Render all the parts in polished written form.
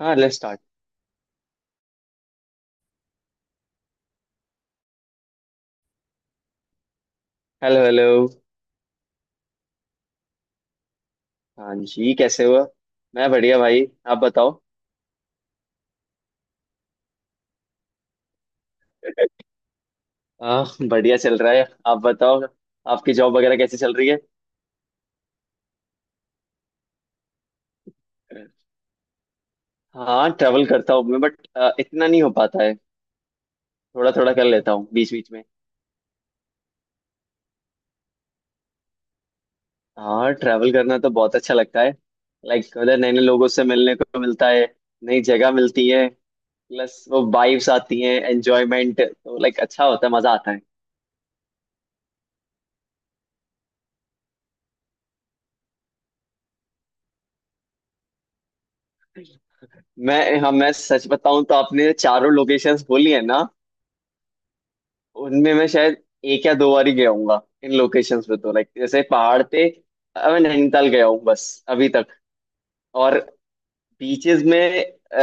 हाँ, let's start. Hello hello. हाँ जी, कैसे हुआ। मैं बढ़िया भाई, आप बताओ। हाँ, बढ़िया चल रहा है, आप बताओ। आपकी जॉब वगैरह कैसी चल रही है। हाँ, ट्रैवल करता हूँ मैं, बट इतना नहीं हो पाता है। थोड़ा थोड़ा कर लेता हूँ बीच बीच में। हाँ, ट्रैवल करना तो बहुत अच्छा लगता है। लाइक उधर नए नए लोगों से मिलने को मिलता है। नई जगह मिलती है। प्लस वो वाइब्स आती हैं, एंजॉयमेंट तो लाइक अच्छा होता है, मजा आता है। मैं हाँ, मैं सच बताऊं तो आपने चारों लोकेशंस बोली है ना। उनमें मैं शायद एक या दो बार ही गया हूँगा इन लोकेशंस पे। तो लाइक जैसे पहाड़ पे मैं नैनीताल गया हूँ बस अभी तक। और बीचेस में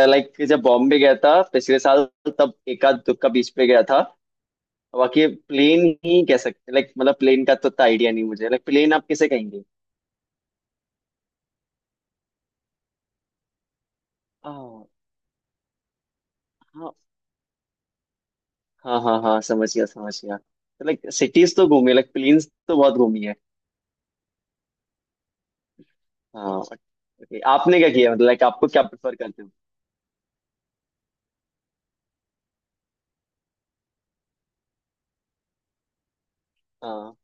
लाइक जब बॉम्बे गया था पिछले साल, तब एक आध दुक्का बीच पे गया था। बाकी प्लेन ही कह सकते। लाइक मतलब प्लेन का तो इतना आइडिया नहीं मुझे, लाइक प्लेन आप किसे कहेंगे। हाँ हाँ हाँ हाँ हाँ, समझ गया समझ गया। तो लाइक सिटीज तो घूमी, लाइक प्लेन्स तो बहुत घूमी है। हाँ, okay। आपने क्या किया, मतलब लाइक आपको क्या प्रेफर करते हो। हाँ,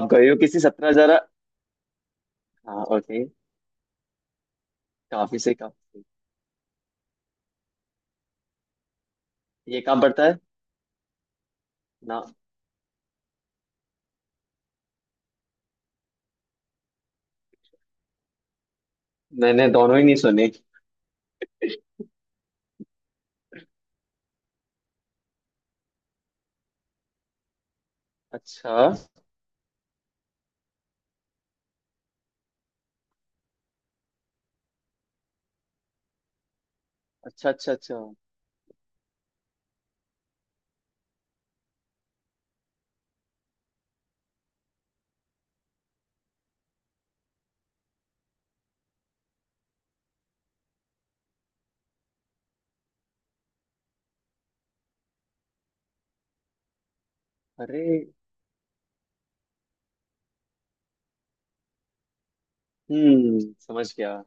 आप गए हो किसी सत्रह हजार। हाँ ओके। काफी से काफी। ये कहाँ पड़ता है। ना, मैंने दोनों ही नहीं सुने। अच्छा अच्छा अच्छा। अच्छा। अरे। हम्म, समझ गया।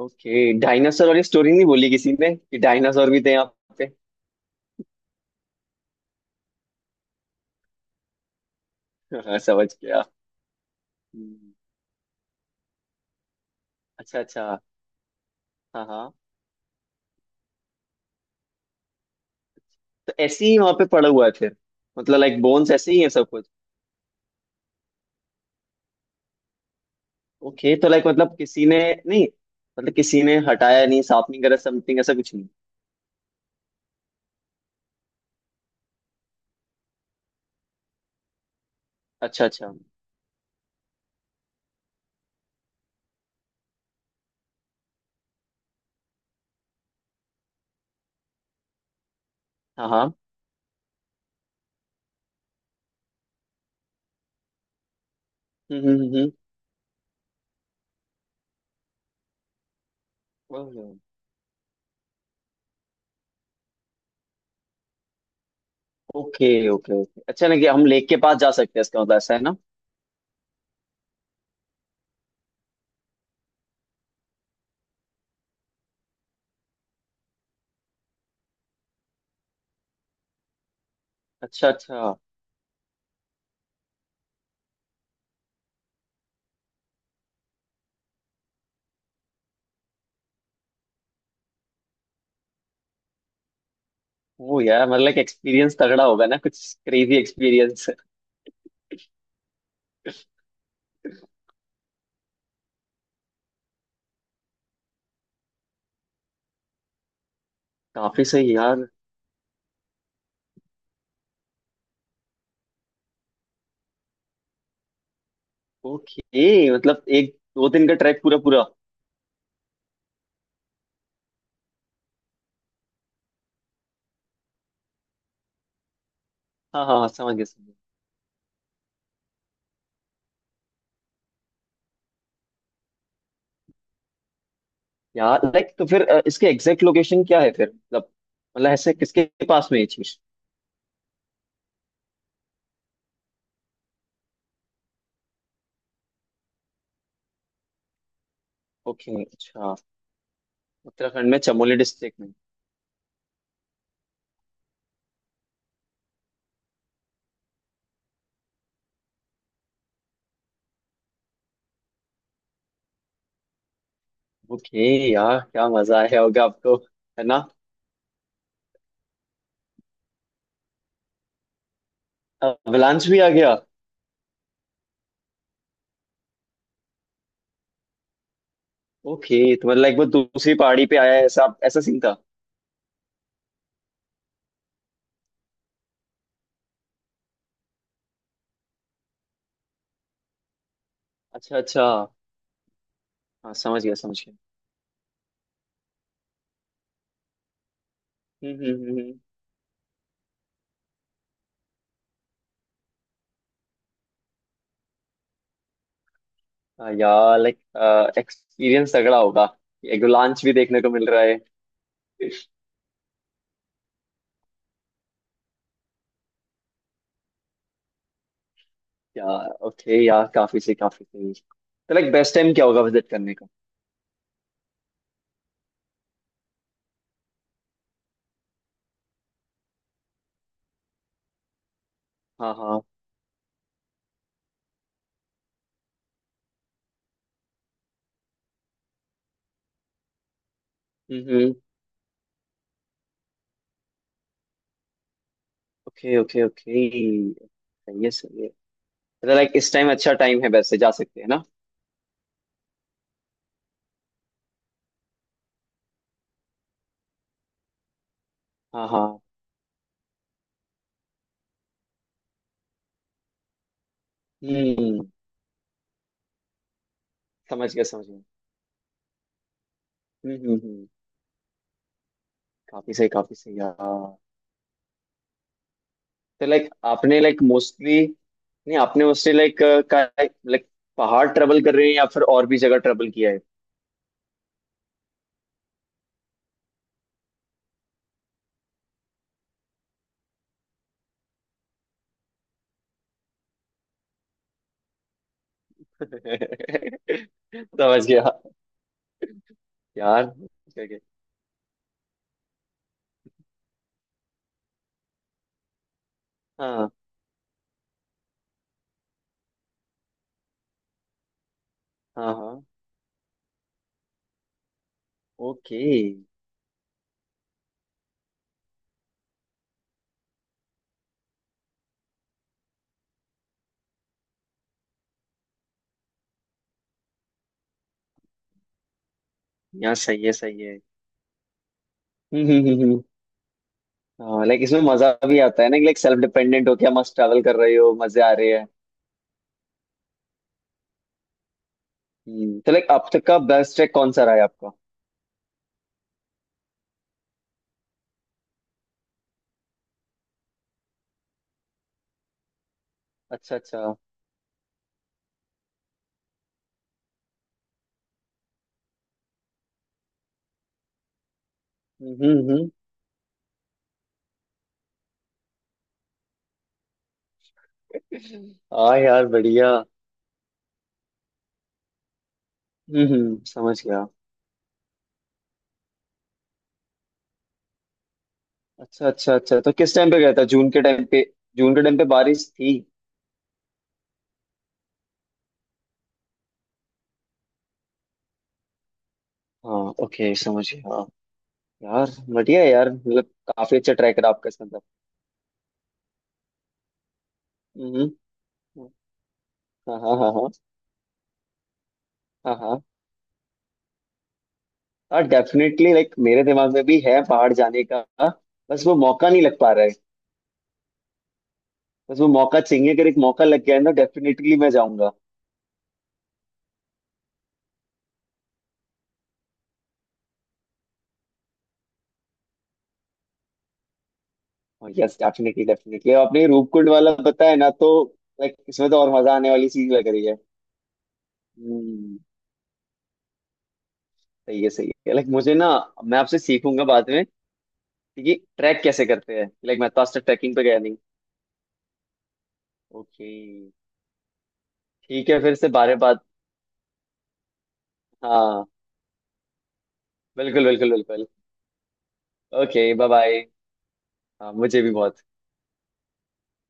ओके, डायनासोर वाली स्टोरी नहीं बोली किसी ने कि डायनासोर भी थे यहाँ पे। हाँ, समझ गया। हम्म। अच्छा अच्छा। हाँ हाँ, तो ऐसे ही वहां पे पड़ा हुआ है फिर। मतलब लाइक बोन्स ऐसे ही है सब कुछ। ओके तो लाइक मतलब किसी ने, नहीं, मतलब किसी ने हटाया नहीं, साफ नहीं करा, समथिंग ऐसा कुछ नहीं। अच्छा अच्छा। हाँ हाँ। हम्म हम्म हम्म हम्म। ओके ओके ओके, अच्छा ना कि हम लेक के पास जा सकते हैं, इसका मतलब ऐसा है ना। अच्छा अच्छा। वो यार मतलब लाइक एक्सपीरियंस तगड़ा होगा ना, कुछ क्रेजी एक्सपीरियंस। काफी सही यार। ओके मतलब एक दो दिन का ट्रैक पूरा पूरा। हाँ हाँ हाँ, समझ गया समझ गया। यार लाइक तो फिर इसके एग्जैक्ट लोकेशन क्या है फिर। मतलब मतलब ऐसे किसके पास में ये चीज। ओके अच्छा। उत्तराखंड में चमोली डिस्ट्रिक्ट में। ओके। यार क्या मजा आया होगा आपको, है ना। अवलांच भी आ गया। ओके, तो मतलब लाइक वो दूसरी पहाड़ी पे आया है, ऐसा ऐसा सीन था। अच्छा अच्छा। हाँ समझ गया समझ गया। हम्म हम्म हम्म हम्म। हाँ यार लाइक एक्सपीरियंस तगड़ा होगा, एग्लांच भी देखने को मिल रहा है। यार ओके यार काफी सही काफी सही, तो लाइक बेस्ट टाइम क्या होगा विजिट करने का। हाँ हाँ। हम्म। Okay okay okay. सही है सही है। मतलब लाइक इस टाइम अच्छा टाइम है, वैसे जा सकते हैं ना। हाँ हाँ। हम्म, समझ गया समझ गया। हम्म। काफी सही यार। तो लाइक आपने लाइक मोस्टली, नहीं, आपने मोस्टली लाइक का लाइक पहाड़ ट्रेवल कर रहे हैं, या फिर और भी जगह ट्रेवल किया है। समझ गया। यार okay, okay। हाँ हाँ हाँ। ओके यार सही है सही है। हम्म हम्म हम्म हम्म। हाँ लाइक इसमें मजा भी आता है ना, लाइक सेल्फ डिपेंडेंट हो, क्या मस्त ट्रैवल कर रहे हो, मजे आ रहे हैं। तो लाइक अब तक का बेस्ट ट्रैक कौन सा रहा है आपका। अच्छा अच्छा। हम्म हम्म हम्म। हाँ यार बढ़िया। समझ गया। अच्छा अच्छा अच्छा, तो किस टाइम पे गया था, जून के टाइम पे। जून के टाइम पे बारिश थी। हाँ ओके समझ गया हाँ। यार बढ़िया है यार, मतलब काफी अच्छा ट्रैक है आपका, इसका मतलब। हम्म हम्म। हाँ हाँ हाँ हाँ हाँ हाँ। हाँ डेफिनेटली, लाइक मेरे दिमाग में भी है पहाड़ जाने का। बस वो मौका नहीं लग पा रहा है। बस वो मौका चाहिए, अगर एक मौका लग गया है ना डेफिनेटली मैं जाऊंगा। यस डेफिनेटली डेफिनेटली, आपने ये रूपकुंड वाला बताया ना, तो लाइक इसमें तो और मजा आने वाली चीज लग रही है। हम्म। सही है सही है, लाइक मुझे ना, मैं आपसे सीखूंगा बाद में ये ट्रैक कैसे करते हैं। लाइक मैं तो आज तक ट्रैकिंग पे गया नहीं। ओके। ठीक है, फिर से बारे बात। हाँ। बिल्कुल बिल्कुल बिल्कुल। Okay bye bye. हाँ मुझे भी बहुत